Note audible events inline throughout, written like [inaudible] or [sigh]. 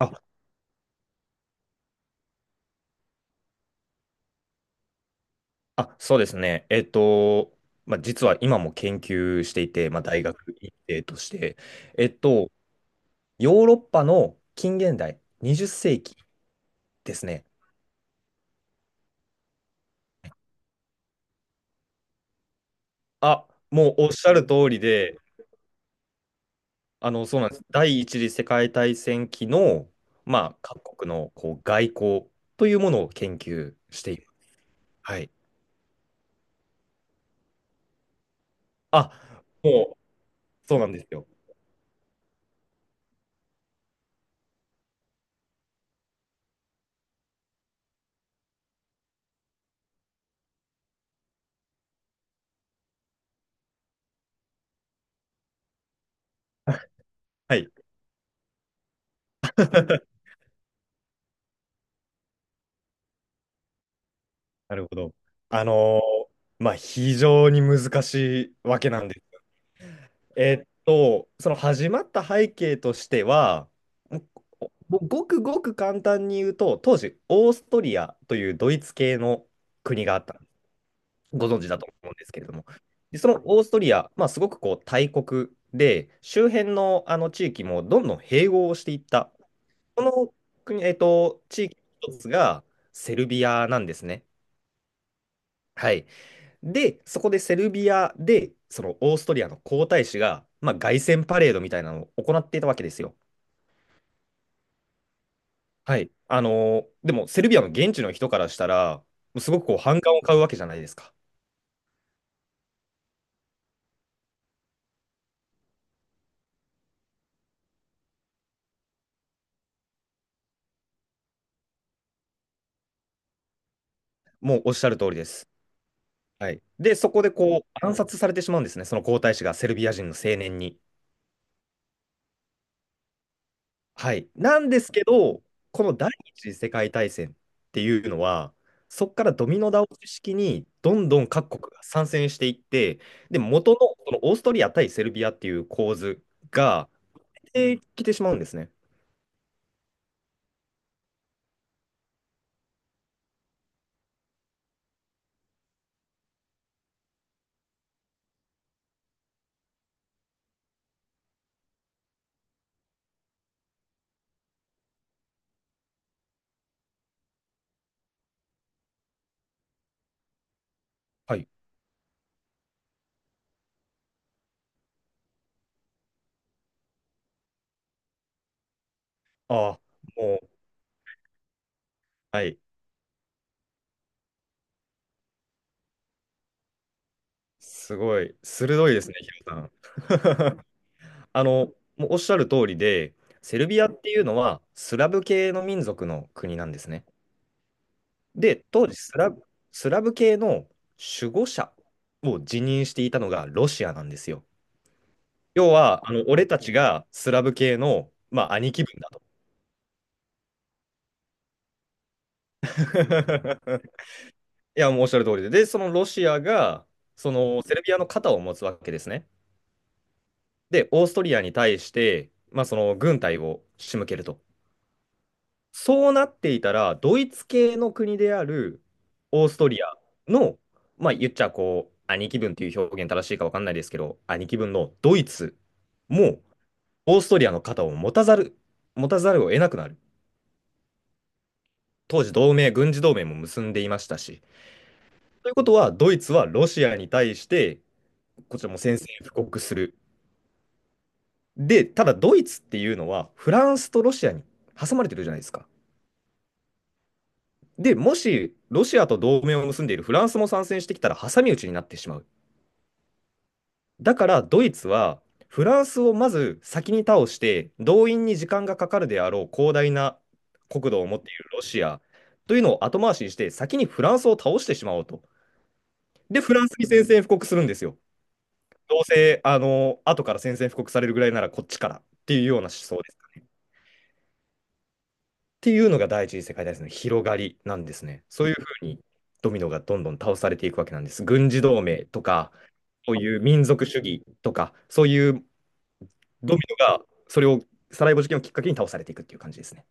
あ、そうですね。まあ、実は今も研究していて、まあ、大学院生として、えっと、ヨーロッパの近現代、20世紀ですね。あ、もうおっしゃる通りで、あの、そうなんです。第一次世界大戦期の、まあ、各国のこう外交というものを研究している。はい。あ、もう、そうなんですよ。[laughs] はい。[laughs] なるほど。あのーまあ、非常に難しいわけなんです。その始まった背景としては、もうごくごく簡単に言うと、当時、オーストリアというドイツ系の国があった、ご存知だと思うんですけれども、で、そのオーストリア、まあ、すごくこう大国で、周辺のあの地域もどんどん併合をしていった、この国、地域の一つがセルビアなんですね。はい。で、そこでセルビアで、そのオーストリアの皇太子が、まあ、凱旋パレードみたいなのを行っていたわけですよ。はい。でも、セルビアの現地の人からしたら、もうすごくこう反感を買うわけじゃないですか。もうおっしゃる通りです。はい。で、そこでこう暗殺されてしまうんですね、その皇太子がセルビア人の青年に。はい。なんですけど、この第一次世界大戦っていうのは、そこからドミノ倒し式にどんどん各国が参戦していって、で、元のそのオーストリア対セルビアっていう構図ができてしまうんですね。はい。ああ、もう、はい。すごい、鋭いですね、ヒロさん。[laughs] あの、もうおっしゃる通りで、セルビアっていうのはスラブ系の民族の国なんですね。で、当時スラブ系の守護者を辞任していたのがロシアなんですよ。要は、あの俺たちがスラブ系の、まあ、兄貴分だと。[laughs] いや、もうおっしゃる通りで。で、そのロシアが、そのセルビアの肩を持つわけですね。で、オーストリアに対して、まあ、その軍隊を仕向けると。そうなっていたら、ドイツ系の国であるオーストリアの、まあ言っちゃこう、兄貴分という表現正しいか分かんないですけど、兄貴分のドイツもオーストリアの肩を持たざるを得なくなる。当時同盟、軍事同盟も結んでいましたし。ということは、ドイツはロシアに対して、こちらも宣戦布告する。で、ただドイツっていうのは、フランスとロシアに挟まれてるじゃないですか。で、もしロシアと同盟を結んでいるフランスも参戦してきたら挟み撃ちになってしまう。だからドイツはフランスをまず先に倒して動員に時間がかかるであろう広大な国土を持っているロシアというのを後回しにして先にフランスを倒してしまおうと。で、フランスに宣戦布告するんですよ。どうせあの後から宣戦布告されるぐらいならこっちからっていうような思想です。っていうのが第一次世界大戦の広がりなんですね。そういうふうにドミノがどんどん倒されていくわけなんです。軍事同盟とかそういう民族主義とか、そういうドミノが、それを、サラエボ事件をきっかけに倒されていくっていう感じですね。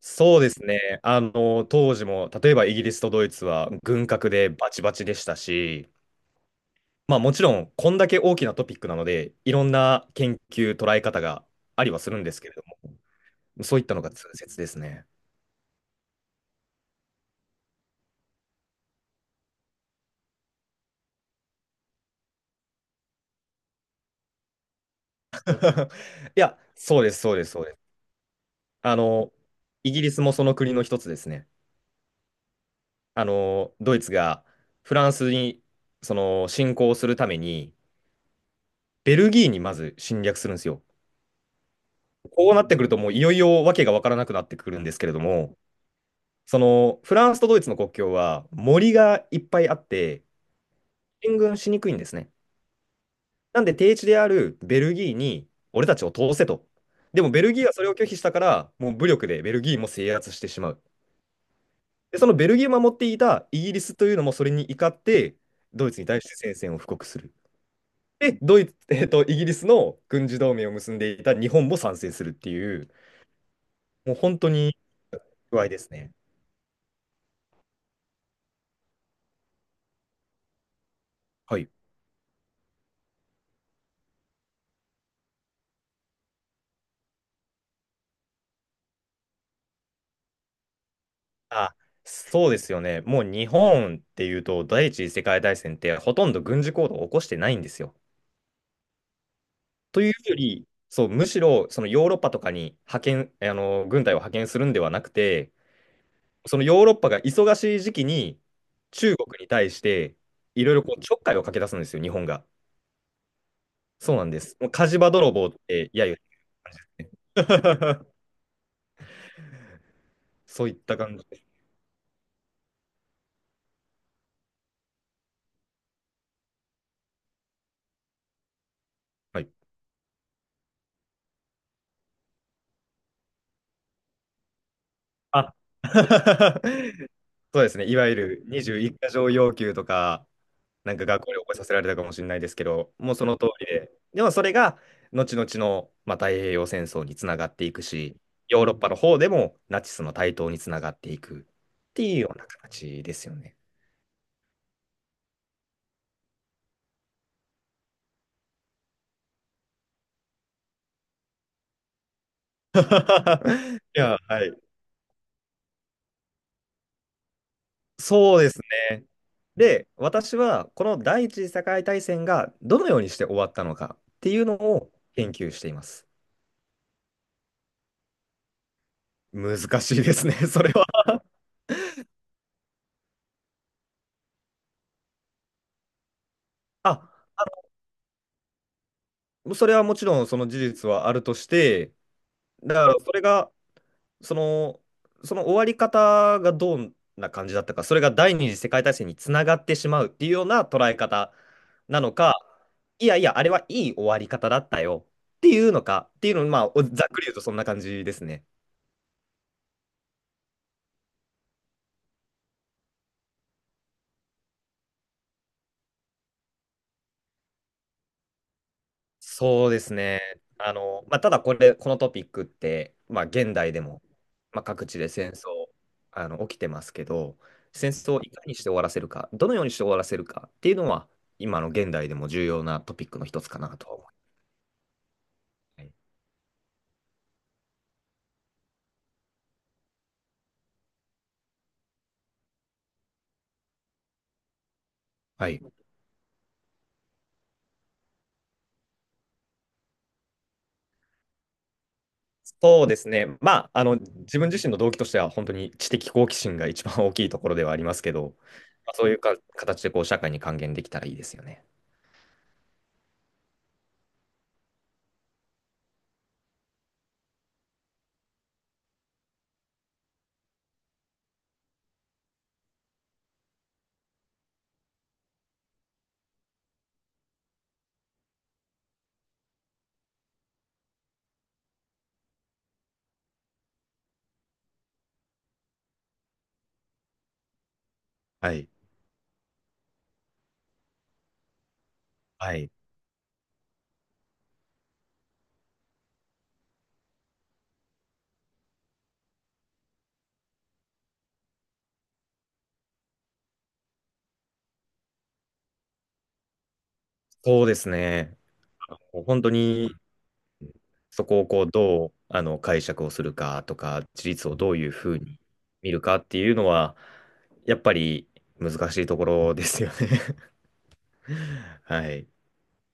そうですね。あの、当時も、例えばイギリスとドイツは軍拡でバチバチでしたし、まあもちろん、こんだけ大きなトピックなので、いろんな研究、捉え方がありはするんですけれども、そういったのが通説ですね。[laughs] いや、そうです、そうです、そうです。あの、イギリスもその国の一つですね。あの、ドイツがフランスに、その、侵攻するために、ベルギーにまず侵略するんですよ。こうなってくると、もういよいよわけがわからなくなってくるんですけれども、その、フランスとドイツの国境は森がいっぱいあって、進軍しにくいんですね。なんで、低地であるベルギーに、俺たちを通せと。でも、ベルギーはそれを拒否したから、もう武力でベルギーも制圧してしまう。で、そのベルギーを守っていたイギリスというのもそれに怒って、ドイツに対して宣戦線を布告する。で、ドイツ、[laughs] イギリスの軍事同盟を結んでいた日本も参戦するっていう、もう本当に具合ですね。はい。あ、そうですよね。もう日本っていうと、第一次世界大戦ってほとんど軍事行動を起こしてないんですよ。というより、そう、むしろそのヨーロッパとかに派遣、あの、軍隊を派遣するんではなくて、そのヨーロッパが忙しい時期に中国に対していろいろこうちょっかいをかけ出すんですよ、日本が。そうなんです。もう火事場泥棒って、いやいや。[laughs] そういった感じです。はい。あ [laughs] そうですね。いわゆる21箇条要求とか、なんか学校で覚えさせられたかもしれないですけど、もうその通りで、でもそれが後々の、まあ、太平洋戦争につながっていくし、ヨーロッパの方でもナチスの台頭につながっていくっていうような形ですよね。[laughs] いや、はい。そうですね。で、私はこの第一次世界大戦がどのようにして終わったのかっていうのを研究しています。難しいですね、[laughs] それは。あ、それはもちろんその事実はあるとして、だからそれが、その、その終わり方がどんな感じだったか、それが第二次世界大戦につながってしまうっていうような捉え方なのか、いやいや、あれはいい終わり方だったよっていうのか、っていうの、まあ、おざっくり言うとそんな感じですね。そうですね。あの、まあ、ただこれ、このトピックって、まあ、現代でも、まあ、各地で戦争、あの、起きてますけど、戦争をいかにして終わらせるか、どのようにして終わらせるかっていうのは、今の現代でも重要なトピックの一つかなとは思いますね。はい。そうですね。まあ、あの、自分自身の動機としては、本当に知的好奇心が一番大きいところではありますけど、まあ、そういうか形でこう社会に還元できたらいいですよね。はい。はい。そうですね。もう本当にそこをこうどうあの解釈をするかとか、自立をどういうふうに見るかっていうのは、やっぱり難しいところですよね。[laughs] はい。